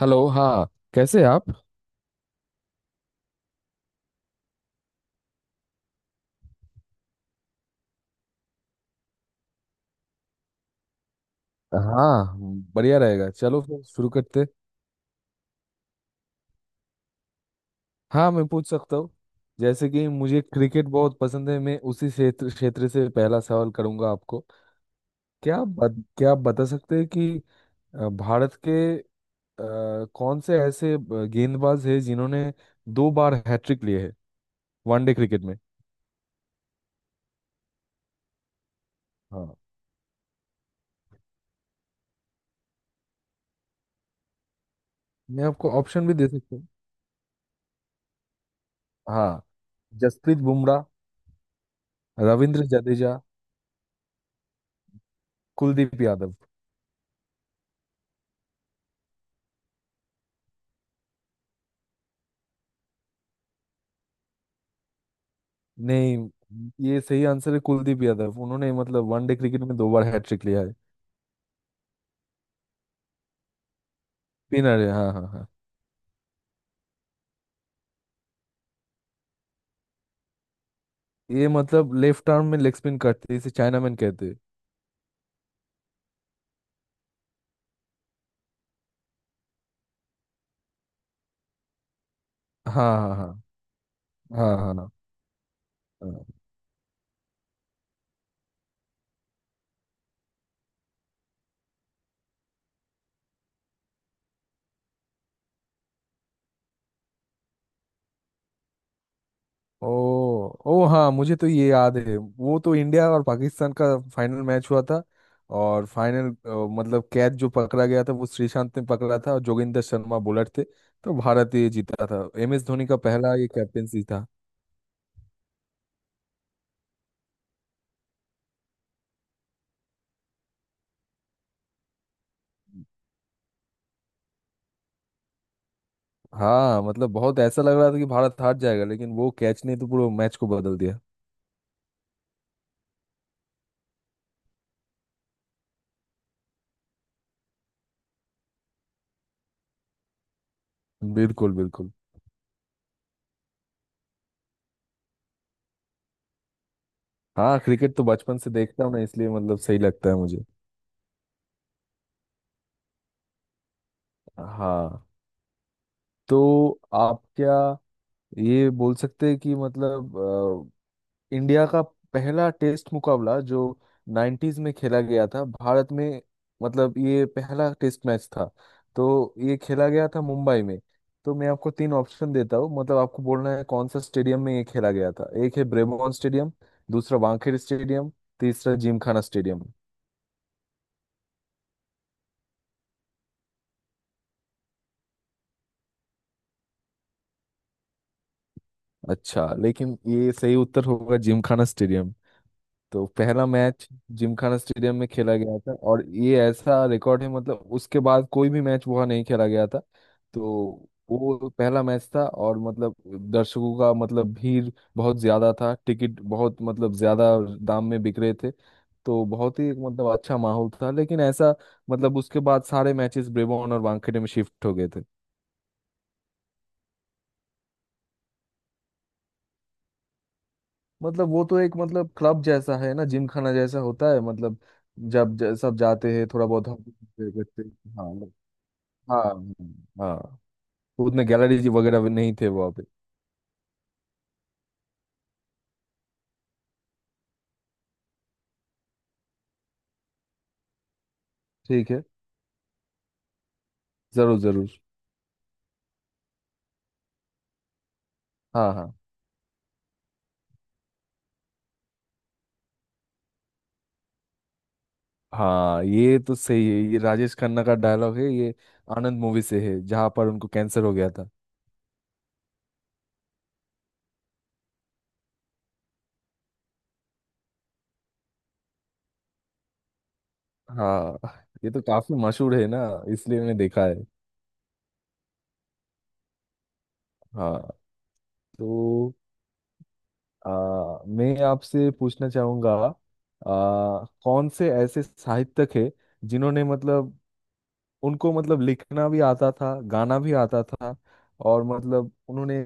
Hello. हाँ। कैसे आप। हाँ, बढ़िया रहेगा। चलो फिर शुरू करते। हाँ, मैं पूछ सकता हूँ। जैसे कि मुझे क्रिकेट बहुत पसंद है, मैं उसी क्षेत्र क्षेत्र से पहला सवाल करूंगा आपको। क्या आप बता सकते हैं कि भारत के कौन से ऐसे गेंदबाज हैं जिन्होंने दो बार हैट्रिक लिए है वनडे क्रिकेट में। हाँ, मैं आपको ऑप्शन भी दे सकता हूँ। हाँ। जसप्रीत बुमराह, रविंद्र जडेजा, कुलदीप यादव। नहीं, ये सही आंसर है कुलदीप यादव। उन्होंने मतलब वनडे क्रिकेट में दो बार हैट्रिक लिया है। स्पिनर है, हाँ हाँ हाँ। ये मतलब लेफ्ट आर्म में लेग स्पिन करते हैं, इसे चाइनामैन कहते हैं। हाँ हाँ हाँ। हाँ हाँ हाँ हाँ। ओ। ओ हाँ, मुझे तो ये याद है। वो तो इंडिया और पाकिस्तान का फाइनल मैच हुआ था। और फाइनल मतलब कैच जो पकड़ा गया था वो श्रीशांत ने पकड़ा था, और जोगिंदर शर्मा बॉलर थे। तो भारत ये जीता था, एम एस धोनी का पहला ये कैप्टेंसी था। हाँ, मतलब बहुत ऐसा लग रहा था कि भारत हार जाएगा, लेकिन वो कैच ने तो पूरा मैच को बदल दिया। बिल्कुल बिल्कुल। हाँ, क्रिकेट तो बचपन से देखता हूँ ना, इसलिए मतलब सही लगता है मुझे। हाँ। तो आप क्या ये बोल सकते हैं कि मतलब इंडिया का पहला टेस्ट मुकाबला जो 90s में खेला गया था भारत में, मतलब ये पहला टेस्ट मैच था, तो ये खेला गया था मुंबई में। तो मैं आपको तीन ऑप्शन देता हूँ, मतलब आपको बोलना है कौन सा स्टेडियम में ये खेला गया था। एक है ब्रेबोन स्टेडियम, दूसरा वानखेड़े स्टेडियम, तीसरा जिमखाना स्टेडियम। अच्छा, लेकिन ये सही उत्तर होगा जिमखाना स्टेडियम। तो पहला मैच जिमखाना स्टेडियम में खेला गया था, और ये ऐसा रिकॉर्ड है मतलब उसके बाद कोई भी मैच वहाँ नहीं खेला गया था। तो वो पहला मैच था, और मतलब दर्शकों का मतलब भीड़ बहुत ज्यादा था, टिकट बहुत मतलब ज्यादा दाम में बिक रहे थे। तो बहुत ही एक मतलब अच्छा माहौल था, लेकिन ऐसा मतलब उसके बाद सारे मैचेस ब्रेबॉर्न और वानखेड़े में शिफ्ट हो गए थे। मतलब वो तो एक मतलब क्लब जैसा है ना, जिम खाना जैसा होता है, मतलब जब सब जाते हैं थोड़ा बहुत हम करते हैं। हाँ हाँ हाँ। हाँ। उतने गैलरीज वगैरह भी नहीं थे वहाँ पे। ठीक है, जरूर जरूर। हाँ हाँ। हाँ, ये तो सही है, ये राजेश खन्ना का डायलॉग है ये। आनंद मूवी से है जहाँ पर उनको कैंसर हो गया था। हाँ, ये तो काफी मशहूर है ना, इसलिए मैंने देखा है। हाँ। तो मैं आपसे पूछना चाहूंगा कौन से ऐसे साहित्यक है जिन्होंने मतलब उनको मतलब लिखना भी आता था, गाना भी आता था, और मतलब उन्होंने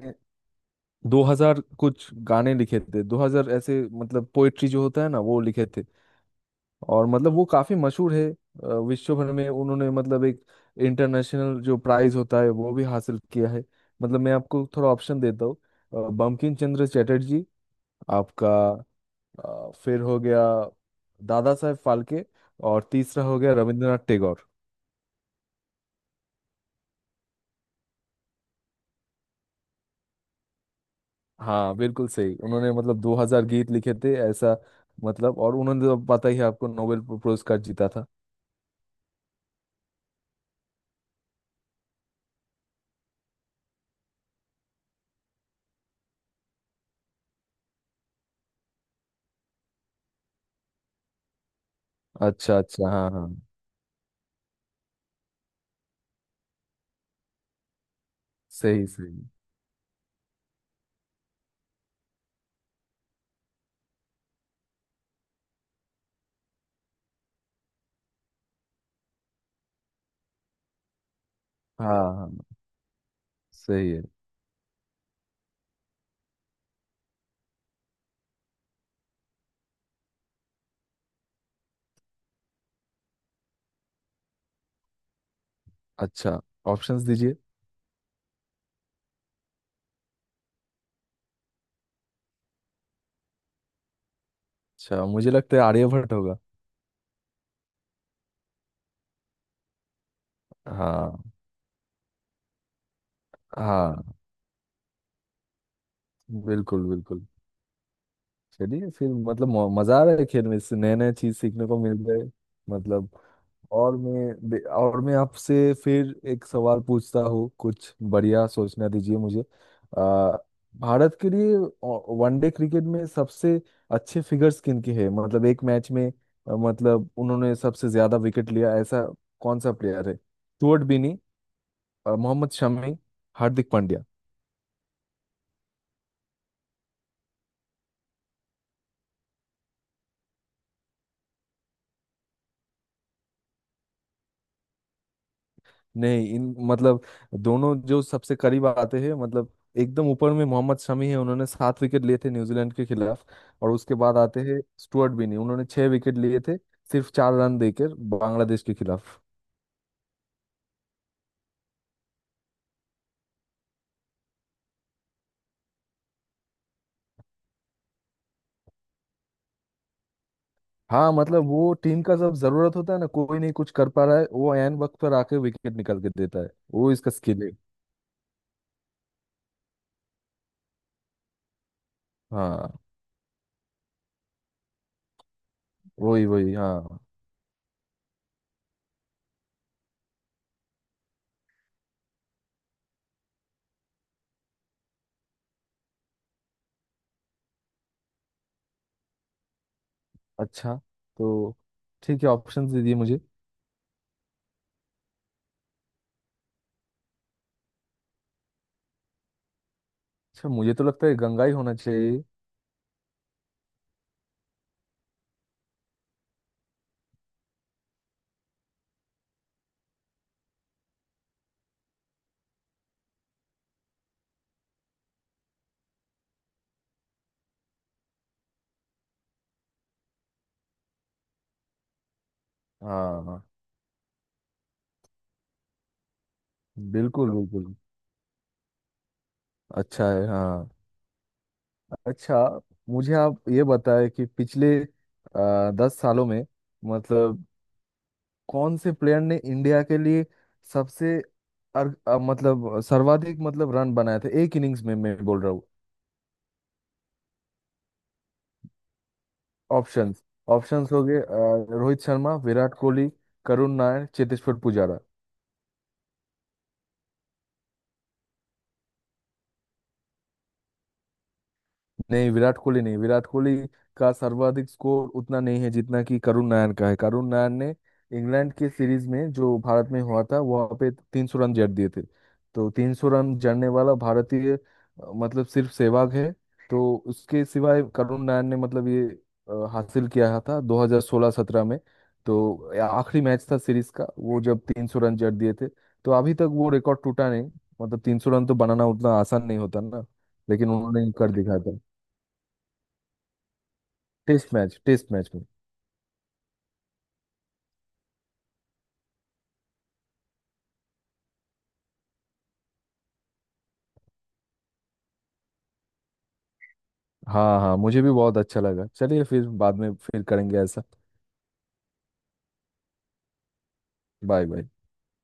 2000 कुछ गाने लिखे थे, 2000 ऐसे मतलब पोएट्री जो होता है ना वो लिखे थे। और मतलब वो काफी मशहूर है विश्व भर में। उन्होंने मतलब एक इंटरनेशनल जो प्राइज होता है वो भी हासिल किया है। मतलब मैं आपको थोड़ा ऑप्शन देता हूँ। बंकिम चंद्र चटर्जी, आपका फिर हो गया दादा साहेब फाल्के, और तीसरा हो गया रविंद्रनाथ टैगोर। हाँ, बिल्कुल सही। उन्होंने मतलब 2000 गीत लिखे थे ऐसा मतलब। और उन्होंने तो पता ही है आपको, नोबेल पुरस्कार जीता था। अच्छा अच्छा। हाँ हाँ। सही सही। हाँ हाँ। सही है। अच्छा, ऑप्शंस दीजिए। अच्छा, मुझे लगता है आर्यभट्ट होगा। हाँ। हाँ, बिल्कुल बिल्कुल। चलिए फिर मतलब मजा आ रहा है खेल में, इससे नए नए चीज सीखने को मिल रहे। मतलब और मैं आपसे फिर एक सवाल पूछता हूँ, कुछ बढ़िया सोचना दीजिए मुझे। आ, भारत के लिए वनडे क्रिकेट में सबसे अच्छे फिगर्स किन के हैं, मतलब एक मैच में मतलब उन्होंने सबसे ज्यादा विकेट लिया ऐसा कौन सा प्लेयर है। स्टुअर्ट बिनी, मोहम्मद शमी, हार्दिक पांड्या। नहीं, इन मतलब दोनों जो सबसे करीब आते हैं मतलब एकदम ऊपर में मोहम्मद शमी है, उन्होंने सात विकेट लिए थे न्यूजीलैंड के खिलाफ। और उसके बाद आते हैं स्टुअर्ट बिनी, उन्होंने छह विकेट लिए थे सिर्फ चार रन देकर बांग्लादेश के खिलाफ। हाँ, मतलब वो टीम का जब जरूरत होता है ना, कोई नहीं कुछ कर पा रहा है, वो एन वक्त पर आके विकेट निकाल के देता है, वो इसका स्किल है। हाँ, वही वही हाँ। अच्छा, तो ठीक है, ऑप्शन दीजिए मुझे। अच्छा, मुझे तो लगता है गंगा ही होना चाहिए। हाँ हाँ। बिल्कुल बिल्कुल। अच्छा है, हाँ। अच्छा, मुझे आप ये बताएं कि पिछले 10 सालों में मतलब कौन से प्लेयर ने इंडिया के लिए सबसे मतलब सर्वाधिक मतलब रन बनाए थे एक इनिंग्स में मैं बोल रहा हूँ। ऑप्शंस ऑप्शंस हो गए। रोहित शर्मा, विराट कोहली, करुण नायर, चेतेश्वर पुजारा। नहीं, विराट कोहली नहीं। विराट कोहली का सर्वाधिक स्कोर उतना नहीं है जितना कि करुण नायर का है। करुण नायर ने इंग्लैंड के सीरीज में जो भारत में हुआ था वहां पे 300 रन जड़ दिए थे। तो 300 रन जड़ने वाला भारतीय मतलब सिर्फ सहवाग है। तो उसके सिवाय करुण नायर ने मतलब ये हासिल किया था 2016-17 में। तो आखिरी मैच था सीरीज का वो जब 300 रन जड़ दिए थे। तो अभी तक वो रिकॉर्ड टूटा नहीं। मतलब 300 रन तो बनाना उतना आसान नहीं होता ना, लेकिन उन्होंने कर दिखाया था। टेस्ट मैच, टेस्ट मैच में। हाँ हाँ, मुझे भी बहुत अच्छा लगा। चलिए फिर, बाद में फिर करेंगे ऐसा। Bye bye.